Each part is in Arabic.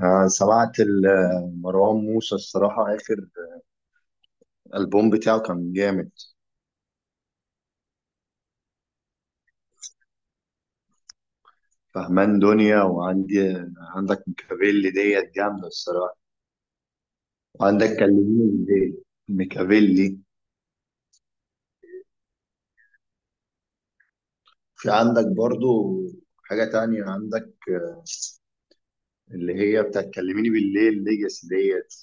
آه، سمعت مروان موسى الصراحة آخر ألبوم بتاعه كان جامد. فهمان دنيا، وعندي عندك ميكافيلي ديت جامدة الصراحة. عندك كلميني بالليل، ميكافيلي. في عندك برضو حاجة تانية عندك اللي هي بتاعت كلميني بالليل، ليجاسي ديت.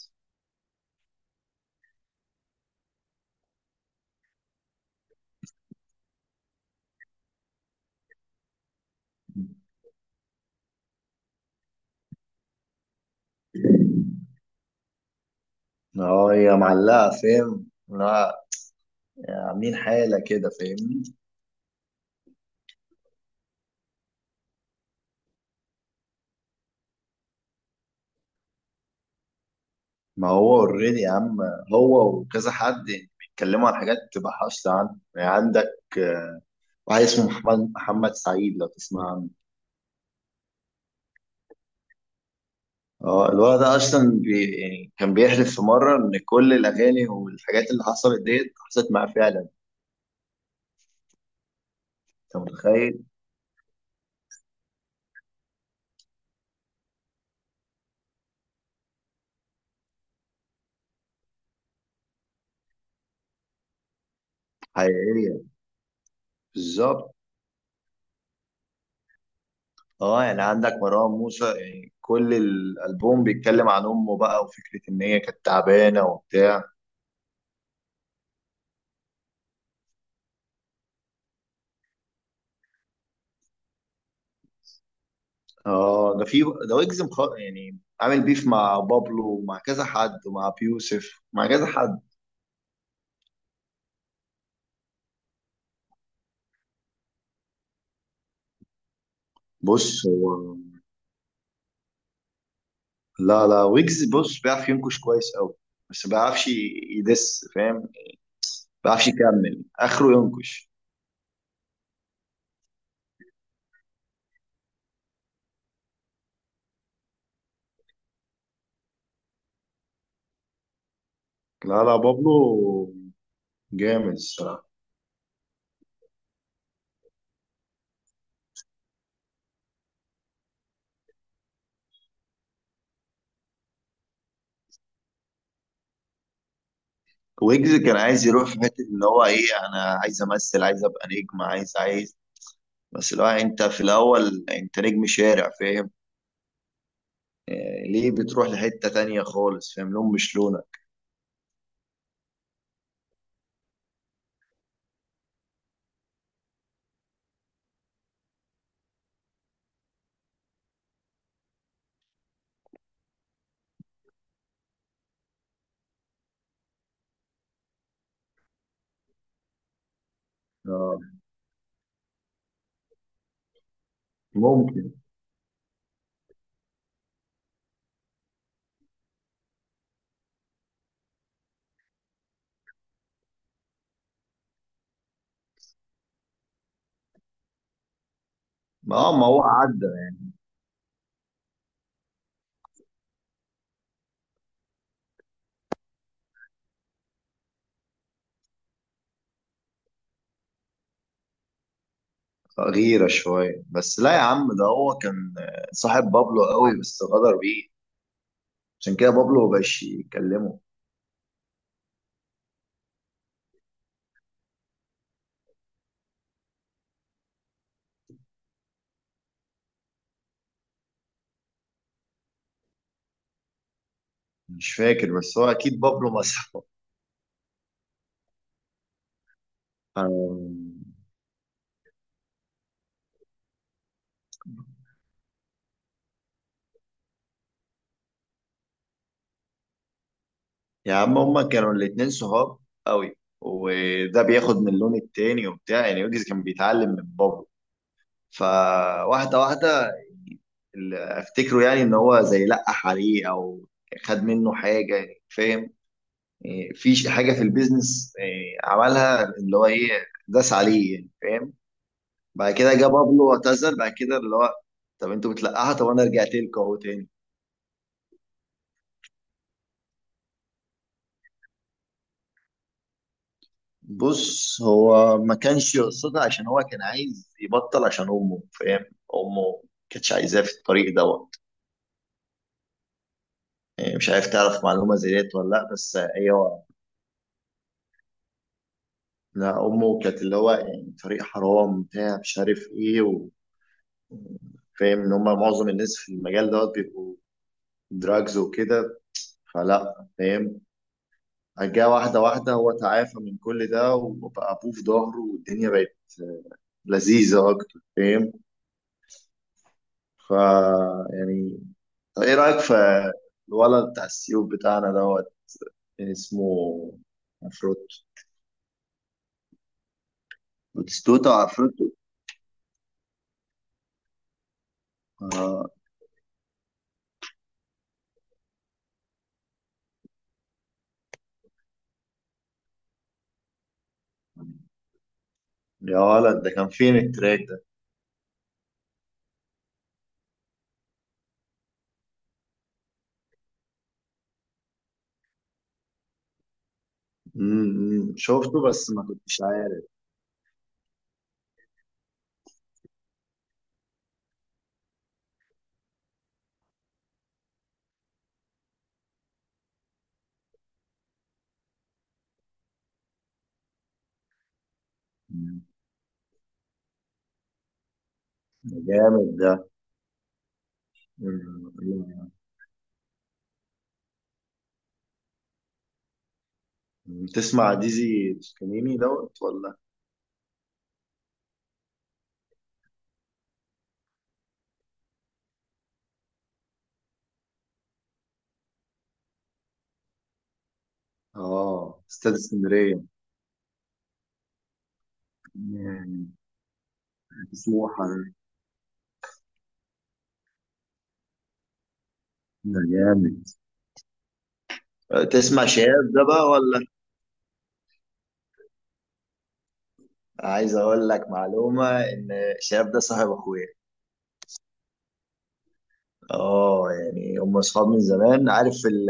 اه هي معلقة، فاهم؟ لا يعني عاملين حالة كده، فاهمني؟ ما هو اوريدي يا عم. هو وكذا حد يعني بيتكلموا عن حاجات تبقى حاصلة عنه. يعني عندك واحد اسمه محمد سعيد، لو تسمع عنه. اه الولد ده اصلا بي يعني كان بيحلف في مرة ان كل الاغاني والحاجات اللي حصلت ديت حصلت معاه فعلا. انت متخيل؟ حقيقية. بالظبط. اه يعني عندك مروان موسى، يعني كل الالبوم بيتكلم عن امه بقى وفكرة ان هي كانت تعبانة وبتاع. اه ده في. ده ويجز يعني عامل بيف مع بابلو ومع كذا حد ومع بيوسف، مع كذا حد. بص هو، لا لا ويجز بص بيعرف ينكش كويس قوي، بس ما بيعرفش يكمل اخره ينكش. لا لا بابلو جامد الصراحه. ويجز كان عايز يروح في حته ان هو ايه، انا عايز امثل، عايز ابقى نجم، عايز. بس لو انت في الاول انت نجم شارع، فاهم؟ آه، ليه بتروح لحته تانية خالص؟ فاهم؟ لون مش لونك. اه ممكن. اه ما هو عدى. غيرة شوية. بس لا يا عم، ده هو كان صاحب بابلو قوي بس غدر بيه، عشان كده بابلو مبقاش يكلمه. مش فاكر، بس هو أكيد بابلو مسحه. آم، يا عم هما كانوا الاتنين صحاب قوي، وده بياخد من اللون التاني وبتاع، يعني يوجز كان بيتعلم من بابلو، فواحدة واحدة اللي أفتكره يعني إن هو زي لقح عليه أو خد منه حاجة يعني، فاهم؟ إيه، في حاجه في البيزنس إيه، عملها اللي هو ايه، داس عليه يعني، فاهم؟ بعد كده جه بابلو اعتذر بعد كده، اللي هو طب انتوا بتلقحوا، طب انا رجعت لكم اهو تاني. بص هو ما كانش يقصدها عشان هو كان عايز يبطل عشان امه، فاهم؟ امه ما كانتش عايزاه في الطريق دوت. إيه، مش عارف تعرف معلومه زي ديت ولا لا، بس ايوه. لا امه كانت اللي هو يعني طريق حرام بتاع مش عارف ايه، وفاهم ان هم معظم الناس في المجال دوت بيبقوا دراجز وكده، فلا فاهم. جه واحدة واحدة هو تعافى من كل ده وبقى أبوه في ظهره والدنيا بقت لذيذة أكتر، فاهم؟ فا يعني. طب إيه رأيك في الولد بتاع السيوف بتاعنا دوت؟ كان اسمه عفروتو. بتستوتا، عفروتو. آه. يا ولد ده كان فين التراك ده؟ شفته بس ما كنتش عارف. مم. ده جامد ده. مم. مم. تسمع ديزي توسكانيني دوت ولا؟ اه استاذ اسكندرية. مم. سموحة يعني. ده جامد. تسمع شهاب ده بقى ولا؟ عايز اقول لك معلومة ان شهاب ده صاحب اخويا. اه يعني هم اصحاب من زمان، عارف ال...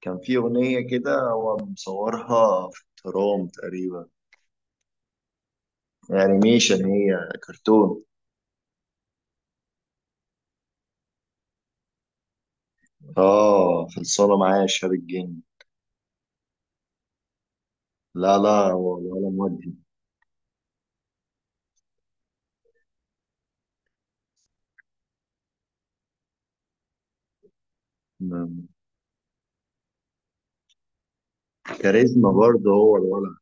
كان في اغنية كده هو مصورها في الترام تقريبا، انيميشن، هي كرتون. اه خلصانة معايا، شهاب الجن. لا لا هو الولا مودي. م- كاريزما برضه هو الولد.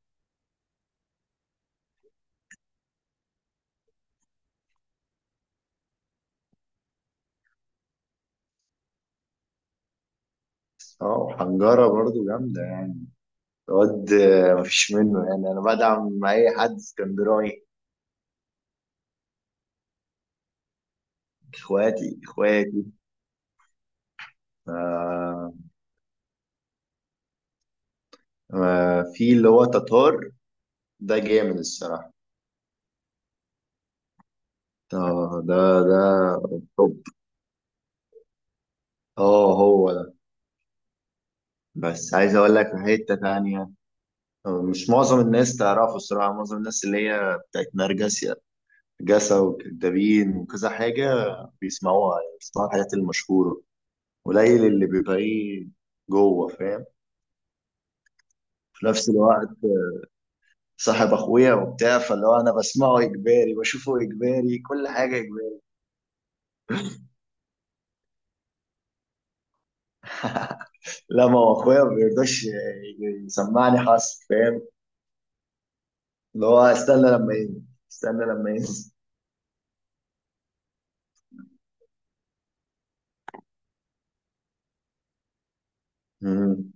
اه حنجرة برضه جامدة يعني. الواد مفيش منه يعني. انا بدعم اي حد اسكندراني. اخواتي، اخواتي. آه. آه في اللي هو تتار، ده جامد الصراحة. آه ده. ده توب. اه هو ده. بس عايز اقول لك في حتة تانية. آه، مش معظم الناس تعرفه الصراحة. معظم الناس اللي هي بتاعت نرجسيا، نرجسة، وكدابين، وكذا حاجة، بيسمعوها. يعني بيسمعوا الحاجات المشهورة. قليل اللي بيبقى ايه، جوه، فاهم؟ في نفس الوقت صاحب اخويا وبتاع، فاللي هو انا بسمعه اجباري، بشوفه اجباري كل حاجة. لا ما هو اخويا ما بيرضاش يسمعني حصر، فاهم؟ اللي هو استنى لما ينزل. استنى لما ينزل. مم.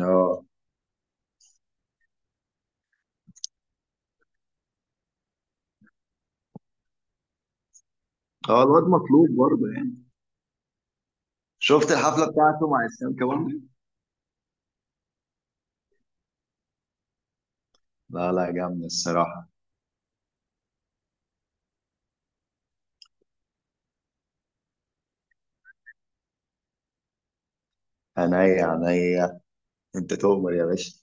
اه. اه الواد مطلوب برضه يعني. شفت الحفله بتاعته مع اسلام كمان؟ لا لا جامد الصراحة. عينيا، عينيا. انت تؤمر يا باشا.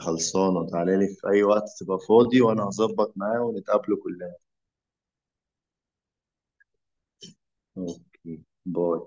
خلصانة، تعالى لي في أي وقت تبقى فاضي وأنا هظبط معاه ونتقابله كلنا. اوكي، باي.